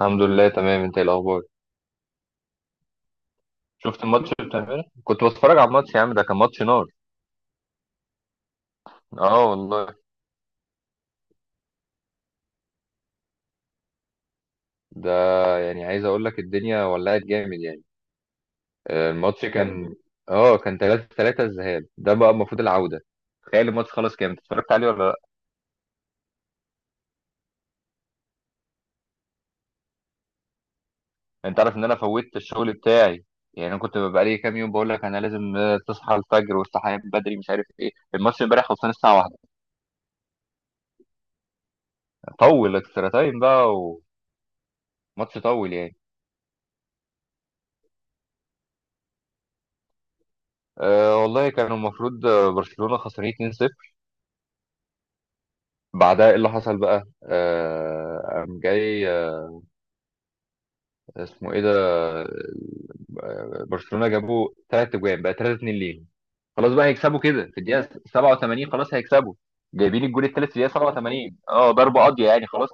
الحمد لله تمام، انت ايه الاخبار؟ شفت الماتش بتاع امبارح؟ كنت بتفرج على الماتش يا عم، ده كان ماتش نار. اه والله. ده يعني عايز اقول لك الدنيا ولعت جامد يعني. الماتش كان 3-3، الذهاب ده بقى، المفروض العودة. تخيل الماتش خلاص. كام، انت اتفرجت عليه ولا لا؟ انت عارف ان انا فوتت الشغل بتاعي. يعني انا كنت بقى لي كام يوم بقول لك انا لازم، تصحى الفجر والصحيان بدري مش عارف ايه، الماتش امبارح خلصان الساعة واحدة. طول اكسترا تايم بقى. وماتش طول يعني. أه والله كانوا المفروض، برشلونة خسرانين 2-0. بعدها ايه اللي حصل بقى؟ قام جاي اسمه ايه ده؟ برشلونة جابوا ثلاث اجوان، بقى 3-2 ليهم. خلاص بقى هيكسبوا كده، في الدقيقة 87 خلاص هيكسبوا. جايبين الجول الثالث في الدقيقة 87، ضربة قاضية يعني خلاص.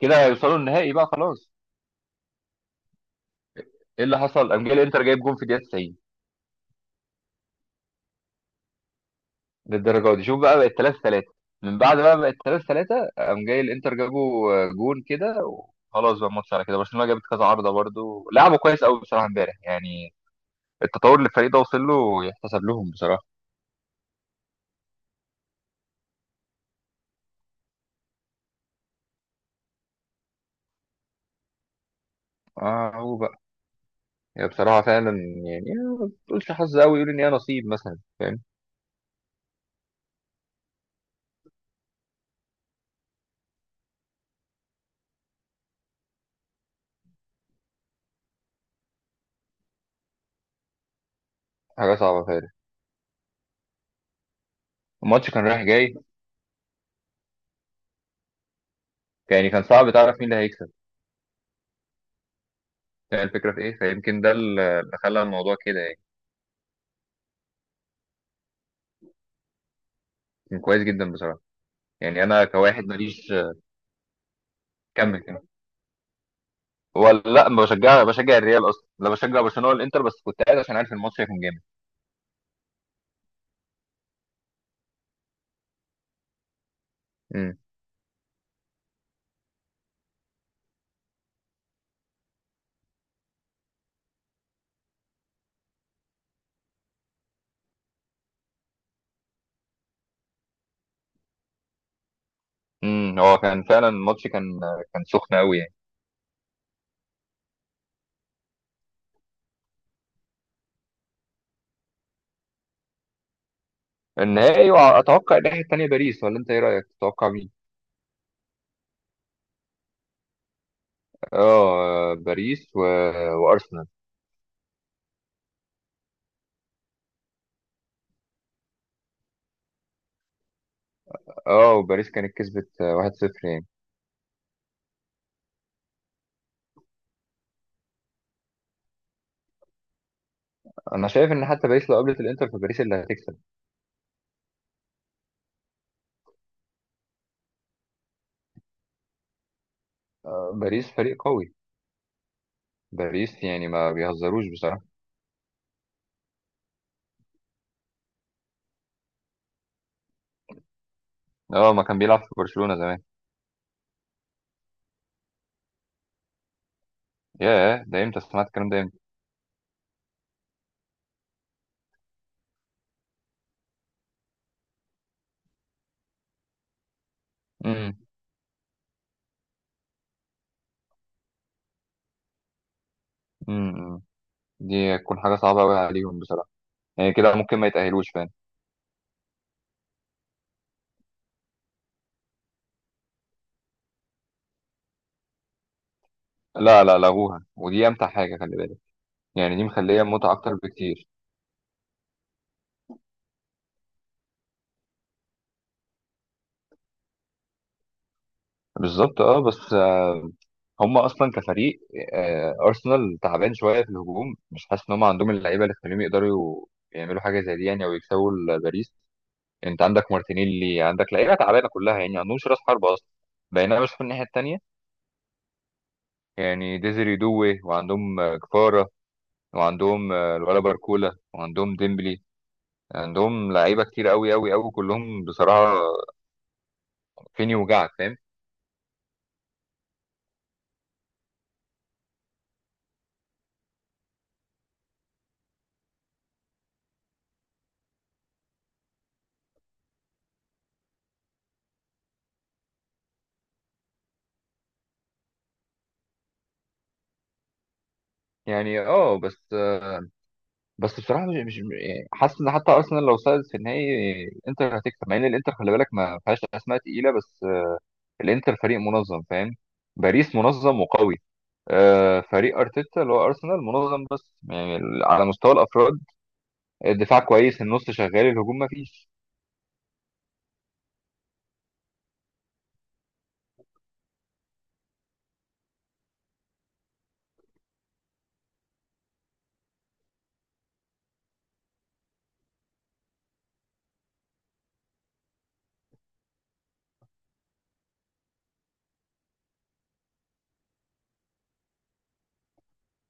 كده هيوصلوا النهائي بقى خلاص. ايه اللي حصل؟ قام جاي الانتر جايب جون في الدقيقة 90 للدرجة دي. شوف بقى، بقت 3-3. من بعد بقى بقت 3 3، قام جاي الانتر جابوا جون كده. خلاص بقى، الماتش على كده. برشلونه جابت كذا عارضه، برضو لعبوا كويس قوي بصراحه امبارح يعني. التطور اللي الفريق ده وصل له يحتسب لهم بصراحه. اه، هو بقى. يعني بصراحه فعلا. يعني، ما تقولش حظ قوي، يقول ان هي نصيب مثلا. فاهم؟ حاجه صعبه فعلا. الماتش كان رايح جاي. يعني كان صعب تعرف مين اللي هيكسب. فاهم الفكره في ايه؟ فيمكن ده اللي خلى الموضوع كده يعني. كان كويس جدا بصراحه. يعني انا كواحد ماليش. كمل كمل. ولا لا، ما بشجع الريال اصلا، لا بشجع برشلونه ولا الانتر، بس كنت قاعد عشان عارف الماتش هيكون جامد. امم. هو كان فعلا، الماتش كان سخن قوي يعني. النهائي، واتوقع الناحيه الثانيه باريس، ولا انت ايه رايك؟ تتوقع مين؟ اه، باريس وارسنال. اه، وباريس كانت كسبت، 1-0 يعني. انا شايف ان حتى باريس لو قابلت الانتر، فباريس اللي هتكسب. باريس فريق قوي. باريس يعني ما بيهزروش بصراحه. اه، ما كان بيلعب في برشلونه زمان. ياه، ده امتى سمعت الكلام ده؟ امتى؟ امم، امم، دي تكون حاجه صعبه قوي عليهم بصراحه. يعني كده ممكن ما يتاهلوش فعلا. لا، لا لغوها، ودي امتع حاجه، خلي بالك. يعني دي مخليه متعه اكتر بكتير. بالظبط، اه، بس هم اصلا كفريق، ارسنال تعبان شويه في الهجوم، مش حاسس ان هم عندهم اللعيبه اللي تخليهم يقدروا يعملوا حاجه زي دي يعني، او يكسبوا باريس. انت عندك مارتينيلي، عندك لعيبه تعبانه كلها يعني، ما عندهمش راس حرب اصلا. بينما بشوف الناحيه التانيه، يعني ديزري دوي، وعندهم كفاره، وعندهم الولا باركولا، وعندهم ديمبلي. عندهم لعيبه كتير قوي قوي قوي كلهم بصراحه. فين يوجعك؟ فاهم؟ يعني اه، بس بصراحه، مش يعني حاسس ان حتى ارسنال لو صعدت في النهائي الانتر هتكسب، مع ان الانتر خلي بالك ما فيهاش اسماء تقيله، بس الانتر فريق منظم، فاهم؟ باريس منظم وقوي. فريق ارتيتا اللي هو ارسنال منظم، بس يعني على مستوى الافراد، الدفاع كويس، النص شغال، الهجوم ما فيش.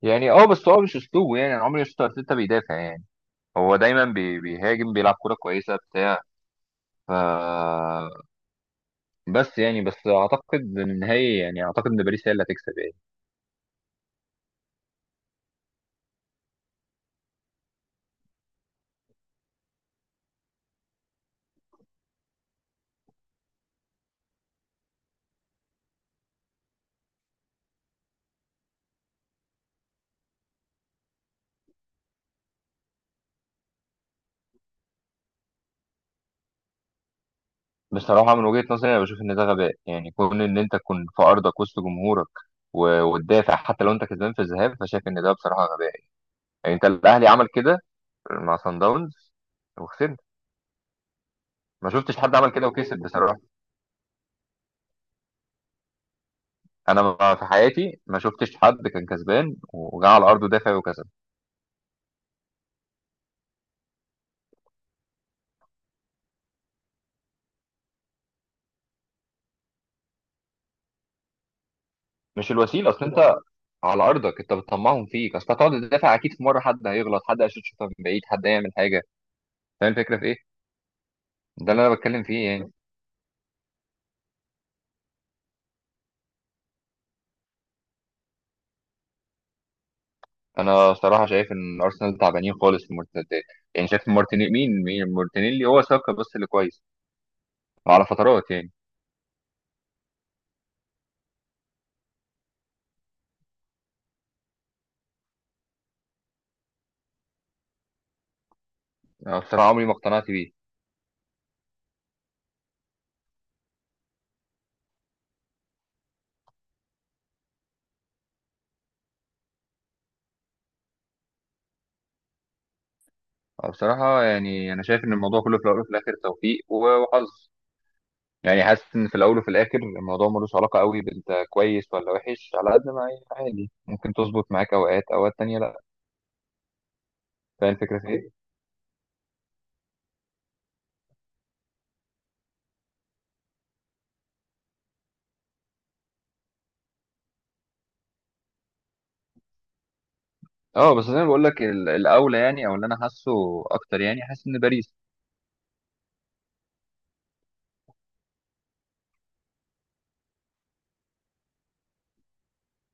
يعني اه، بس هو مش اسلوبه. يعني انا عمري ما شفت ارتيتا بيدافع يعني. هو دايما بيهاجم، بيلعب كوره كويسه بتاع. ف بس يعني، بس اعتقد ان النهائي، يعني اعتقد ان باريس هي اللي هتكسب يعني. بصراحة من وجهة نظري، أنا بشوف إن ده غباء، يعني كون إن أنت تكون في أرضك وسط جمهورك وتدافع، حتى لو أنت كسبان في الذهاب، فشايف إن ده بصراحة غباء. يعني أنت، الأهلي عمل كده مع صن داونز، وخسرنا. ما شفتش حد عمل كده وكسب بصراحة. أنا في حياتي ما شفتش حد كان كسبان وجا على أرضه دافع وكسب. مش الوسيلة، أصل أنت على أرضك أنت بتطمعهم فيك، أصل هتقعد تدافع أكيد في مرة حد هيغلط، حد هيشوط شوطة من بعيد، حد هيعمل حاجة. فاهم الفكرة في إيه؟ ده اللي أنا بتكلم فيه يعني. انا صراحه شايف ان ارسنال تعبانين خالص في المرتدات. يعني شايف مارتينيلي، مين مين مارتينيلي، هو ساكا بس اللي كويس على فترات يعني. أنا بصراحه عمري ما اقتنعت بيه. أنا بصراحه يعني، انا شايف ان الموضوع كله في الاول وفي الاخر توفيق وحظ. يعني حاسس ان في الاول وفي الاخر الموضوع ملوش علاقه قوي بانت كويس ولا وحش، على قد ما هي عادي ممكن تظبط معاك اوقات، اوقات تانية لا. فاهم الفكره في ايه؟ اه، بس زي ما بقول لك الاولى يعني، او اللي انا حاسه اكتر، يعني حاسس ان باريس.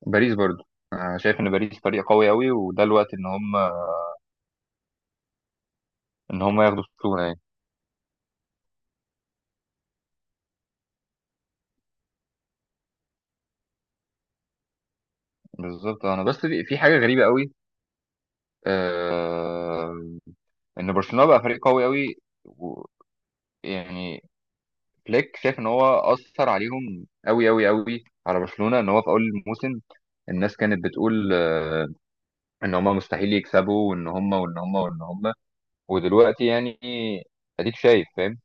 باريس برضه. أنا شايف ان باريس فريق قوي قوي، وده الوقت ان هم ياخدوا الشغل يعني. بالظبط، انا بس في حاجه غريبه قوي، آه ان برشلونه بقى فريق قوي قوي، و- يعني فليك شايف ان هو اثر عليهم قوي قوي قوي على برشلونه، ان هو في اول الموسم الناس كانت بتقول، ان هم مستحيل يكسبوا، وان هم. ودلوقتي يعني، اديك شايف؟ فاهم؟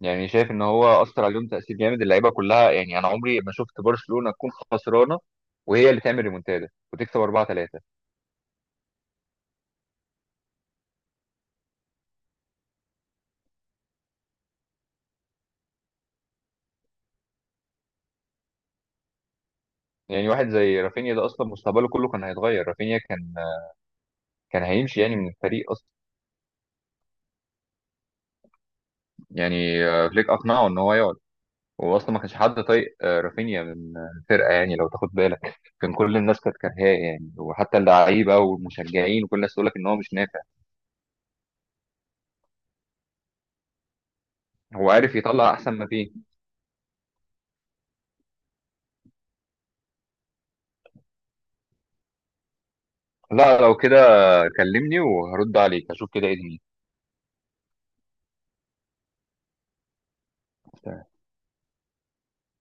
يعني شايف ان هو اثر عليهم تاثير جامد، اللعيبه كلها. يعني انا عمري ما شفت برشلونه تكون خسرانه وهي اللي تعمل ريمونتادا وتكسب 4-3. يعني واحد زي رافينيا ده، اصلا مستقبله كله كان هيتغير. رافينيا كان هيمشي يعني من الفريق اصلا. يعني، فليك اقنعه ان هو يقعد. هو اصلا ما كانش حد طايق رافينيا من الفرقه يعني لو تاخد بالك. كان كل الناس كانت كارهاه يعني، وحتى اللعيبه والمشجعين وكل الناس تقول لك ان هو مش نافع. هو عارف يطلع احسن ما فيه. لا، لو كده كلمني وهرد عليك، اشوف كده ايه دنيتي.